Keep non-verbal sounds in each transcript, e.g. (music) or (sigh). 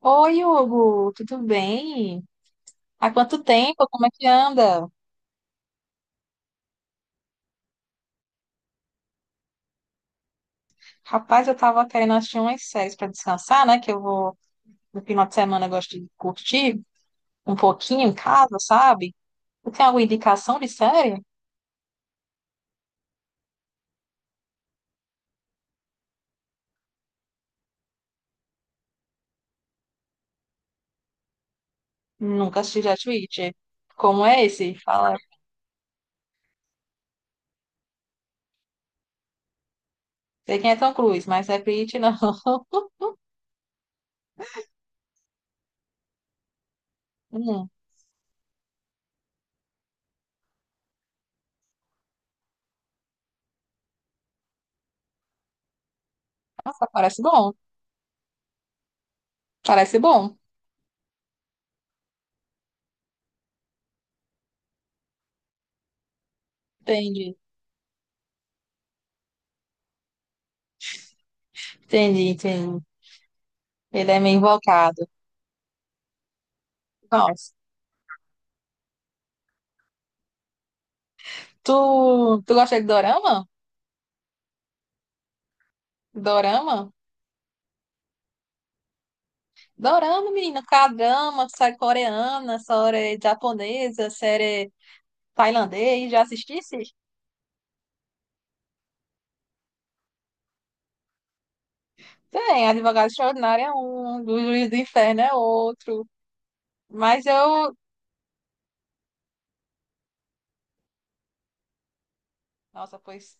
Oi, Hugo, tudo bem? Há quanto tempo? Como é que anda? Rapaz, eu tava querendo assistir umas séries para descansar, né? Que eu vou, no final de semana, eu gosto de curtir um pouquinho em casa, sabe? Tu tem alguma indicação de série? Nunca assisti Jet Witch. Como é esse? Fala. Sei quem é Tom Cruise, mas não é Witch, não. (laughs) Hum, nossa, parece bom. Parece bom. Entendi. Entendi. Ele é meio invocado. Nossa. Tu gosta de dorama? Dorama? Dorama, menina, K-drama, série coreana, série japonesa, série tailandês, já assistisse? Tem, Advogado Extraordinário é um, do Juiz do Inferno é outro. Mas eu. Nossa, pois.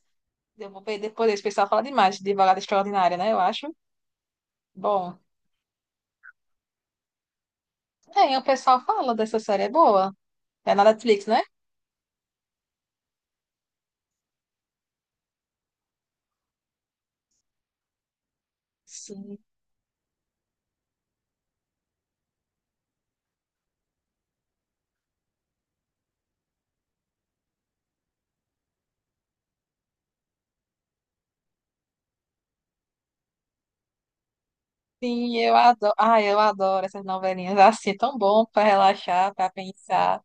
Eu vou ver depois, esse pessoal fala demais de Advogado Extraordinário, né? Eu acho. Bom. Tem, o pessoal fala dessa série, é boa. É na Netflix, né? Sim. Sim, eu adoro. Ai, eu adoro essas novelinhas assim, é tão bom pra relaxar, pra pensar.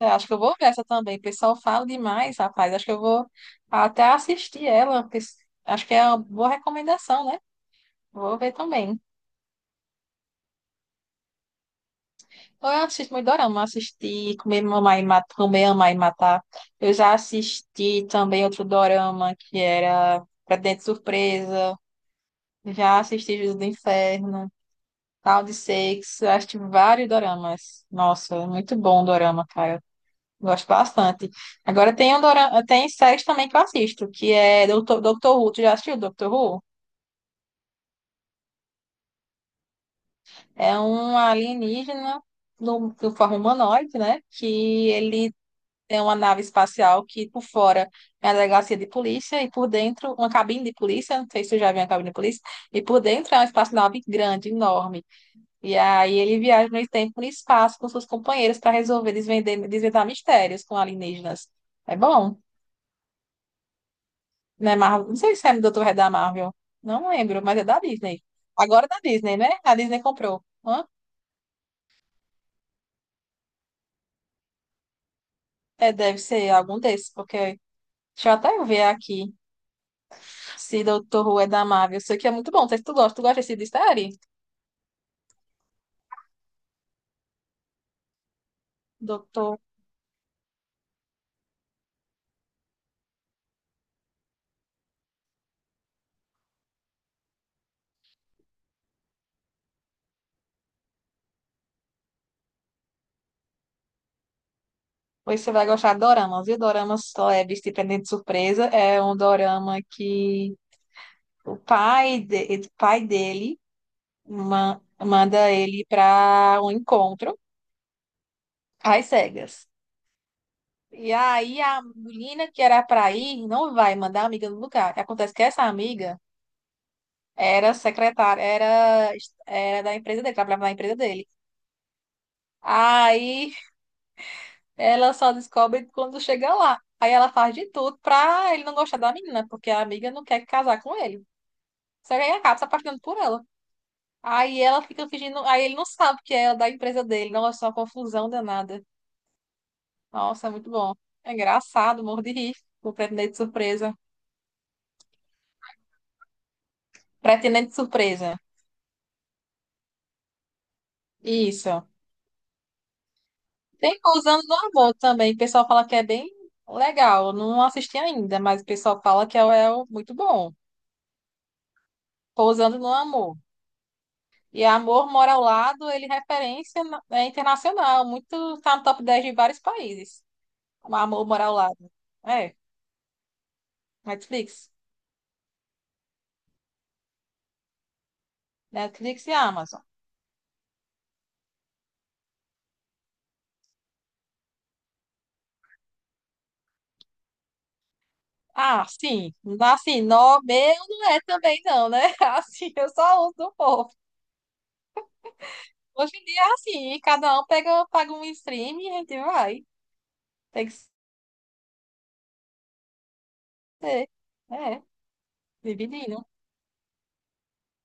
Eu acho que eu vou ver essa também. O pessoal fala demais, rapaz. Acho que eu vou até assistir ela, porque acho que é uma boa recomendação, né? Vou ver também. Eu assisto muito dorama. Assisti Comer, Mamar e Matar, Comer, Amar e Matar. Eu já assisti também outro dorama que era dentro Surpresa. Já assisti Juízo do Inferno, Tal de Sex. Eu assisti vários doramas. Nossa, muito bom o dorama, cara. Gosto bastante. Agora tem, tem séries também que eu assisto, que é Doutor, Doctor Who. Tu já assistiu Doctor Who? É um alienígena no, de forma humanoide, né? Que ele é uma nave espacial que por fora é uma delegacia de polícia e por dentro uma cabine de polícia. Não sei se tu já viu uma cabine de polícia. E por dentro é uma espaçonave grande, enorme. E aí ele viaja no tempo e no espaço com seus companheiros para resolver desvendar mistérios com alienígenas. É bom? Né, Marvel? Não sei se é do Dr. Red da Marvel. Não lembro, mas é da Disney. Agora é da Disney, né? A Disney comprou. Hã? É, deve ser algum desses, porque deixa eu até ver aqui se Dr. Who é da Marvel. Isso aqui é muito bom. Não sei se tu gosta. Tu gosta desse de série? Doutor. Pois você vai gostar de doramas. E o doramas leves de Pendente de Surpresa é um dorama que o pai, de... o pai dele manda ele para um encontro às cegas. E aí a menina que era para ir não vai mandar a amiga no lugar. O que acontece é que essa amiga era secretária, era da empresa dele, trabalhava na empresa dele. Aí ela só descobre quando chega lá. Aí ela faz de tudo pra ele não gostar da menina, porque a amiga não quer casar com ele. Só que aí acaba se apaixonando por ela. Aí ela fica fingindo, aí ele não sabe que é da empresa dele. Nossa, é uma confusão danada. Nossa, é muito bom. É engraçado, morro de rir com o pretendente surpresa. Pretendente surpresa. Isso. Tem Pousando no Amor também. O pessoal fala que é bem legal. Eu não assisti ainda, mas o pessoal fala que é muito bom. Pousando no Amor. E Amor Mora ao Lado, ele é é internacional. Muito, tá no top 10 de vários países. O Amor Mora ao Lado. É, Netflix. Netflix e Amazon. Ah, sim. Assim, nó meu não é também não, né? (laughs) Assim, eu só uso do povo. Hoje em dia é assim, cada um pega, paga um stream e a gente vai. Tem que. Sei. É, dividiram.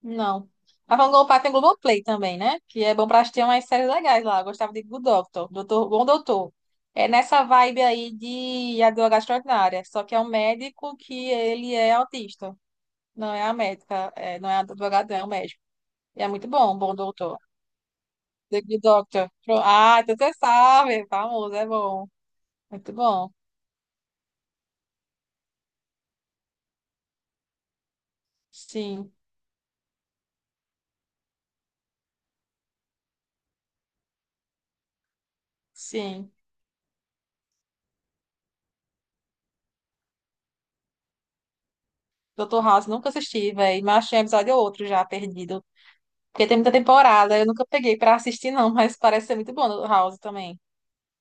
Não. A Globopar tem Globoplay também, né? Que é bom pra assistir umas séries legais lá. Eu gostava de Good Doctor, Doutor, Bom Doutor. É nessa vibe aí de advogada extraordinária. Só que é um médico que ele é autista. Não é a médica, não é a advogada, é o médico. E é muito bom, Bom Doutor. The Good Doctor. Pro- Ah, então você sabe. Famoso, é bom. Muito bom. Sim, sim. Doutor House, nunca assisti, velho. Mas achei um episódio ou outro já perdido. Porque tem muita temporada, eu nunca peguei pra assistir, não, (laughs) mas parece ser muito bom do House também.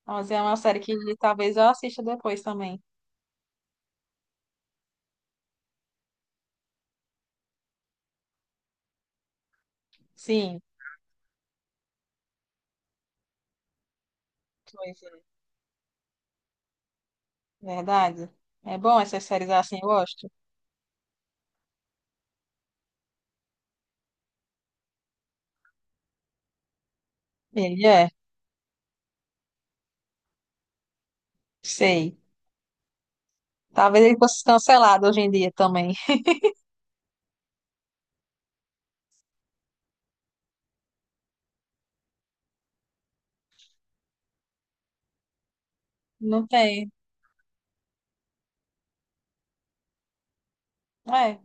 House é uma série que talvez eu assista depois também. Sim, pois é, verdade. É bom essas séries assim, eu gosto. Ele é, sei. Talvez ele fosse cancelado hoje em dia também. (laughs) Não tem. É,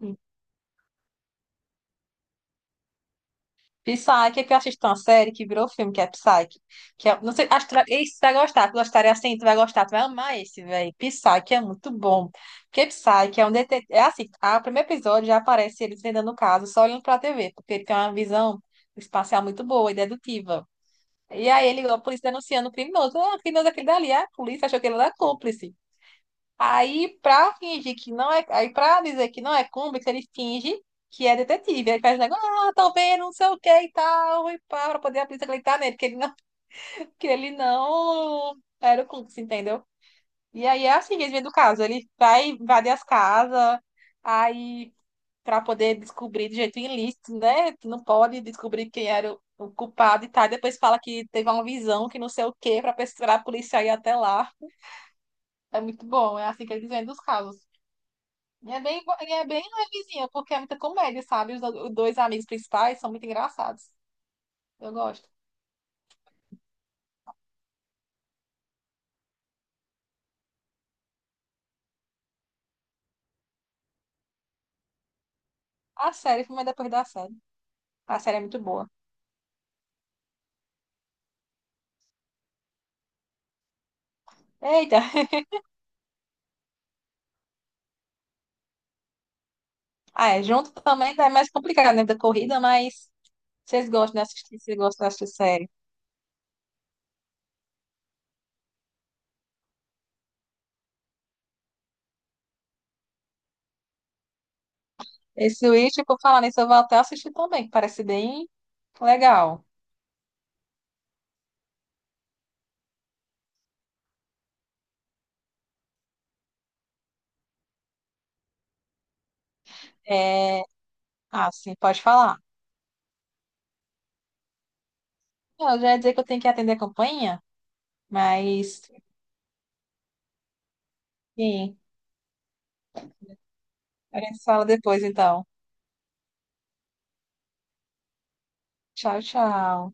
Psyche, é que eu assisto uma série que virou filme, que é Psyche. Que é, não sei, acho que tu vai, esse tu vai gostar, tu gostaria assim, tu vai gostar, tu vai amar esse, velho. Psyche é muito bom. Porque Psyche é um detetive. É assim, a, o primeiro episódio já aparece ele desvendando o caso, só olhando pra TV, porque ele tem uma visão espacial muito boa e dedutiva. E aí ele, a polícia denunciando o criminoso. Ah, o criminoso é aquele dali, ah, a polícia achou que ele era cúmplice. Aí, pra fingir que não é. Aí, pra dizer que não é cúmplice, ele finge que é detetive. Aí faz negócio, ah, tô vendo, não sei o que e tal, e pá, pra poder a polícia acreditar nele, que ele não, (laughs) que ele não era o cúmplice, entendeu? E aí é assim que eles vêm do caso. Ele vai invadir as casas, aí, pra poder descobrir de jeito ilícito, né? Tu não pode descobrir quem era o culpado e tal. E depois fala que teve uma visão, que não sei o que pra, pra polícia ir até lá. É muito bom, é assim que eles vêm dos casos. E é bem levezinha, porque é muita comédia, sabe? Os, os dois amigos principais são muito engraçados. Eu gosto. A série, filme é depois da série. A série é muito boa. Eita! (laughs) Ah, é, junto também tá mais complicado, né? Da corrida, mas vocês gostam de assistir, vocês gostam de assistir série. Esse Witch, por falar nisso, eu vou até assistir também, que parece bem legal. É... Ah, sim, pode falar. Não, eu já ia dizer que eu tenho que atender a campainha, mas, enfim, a gente fala depois, então. Tchau, tchau.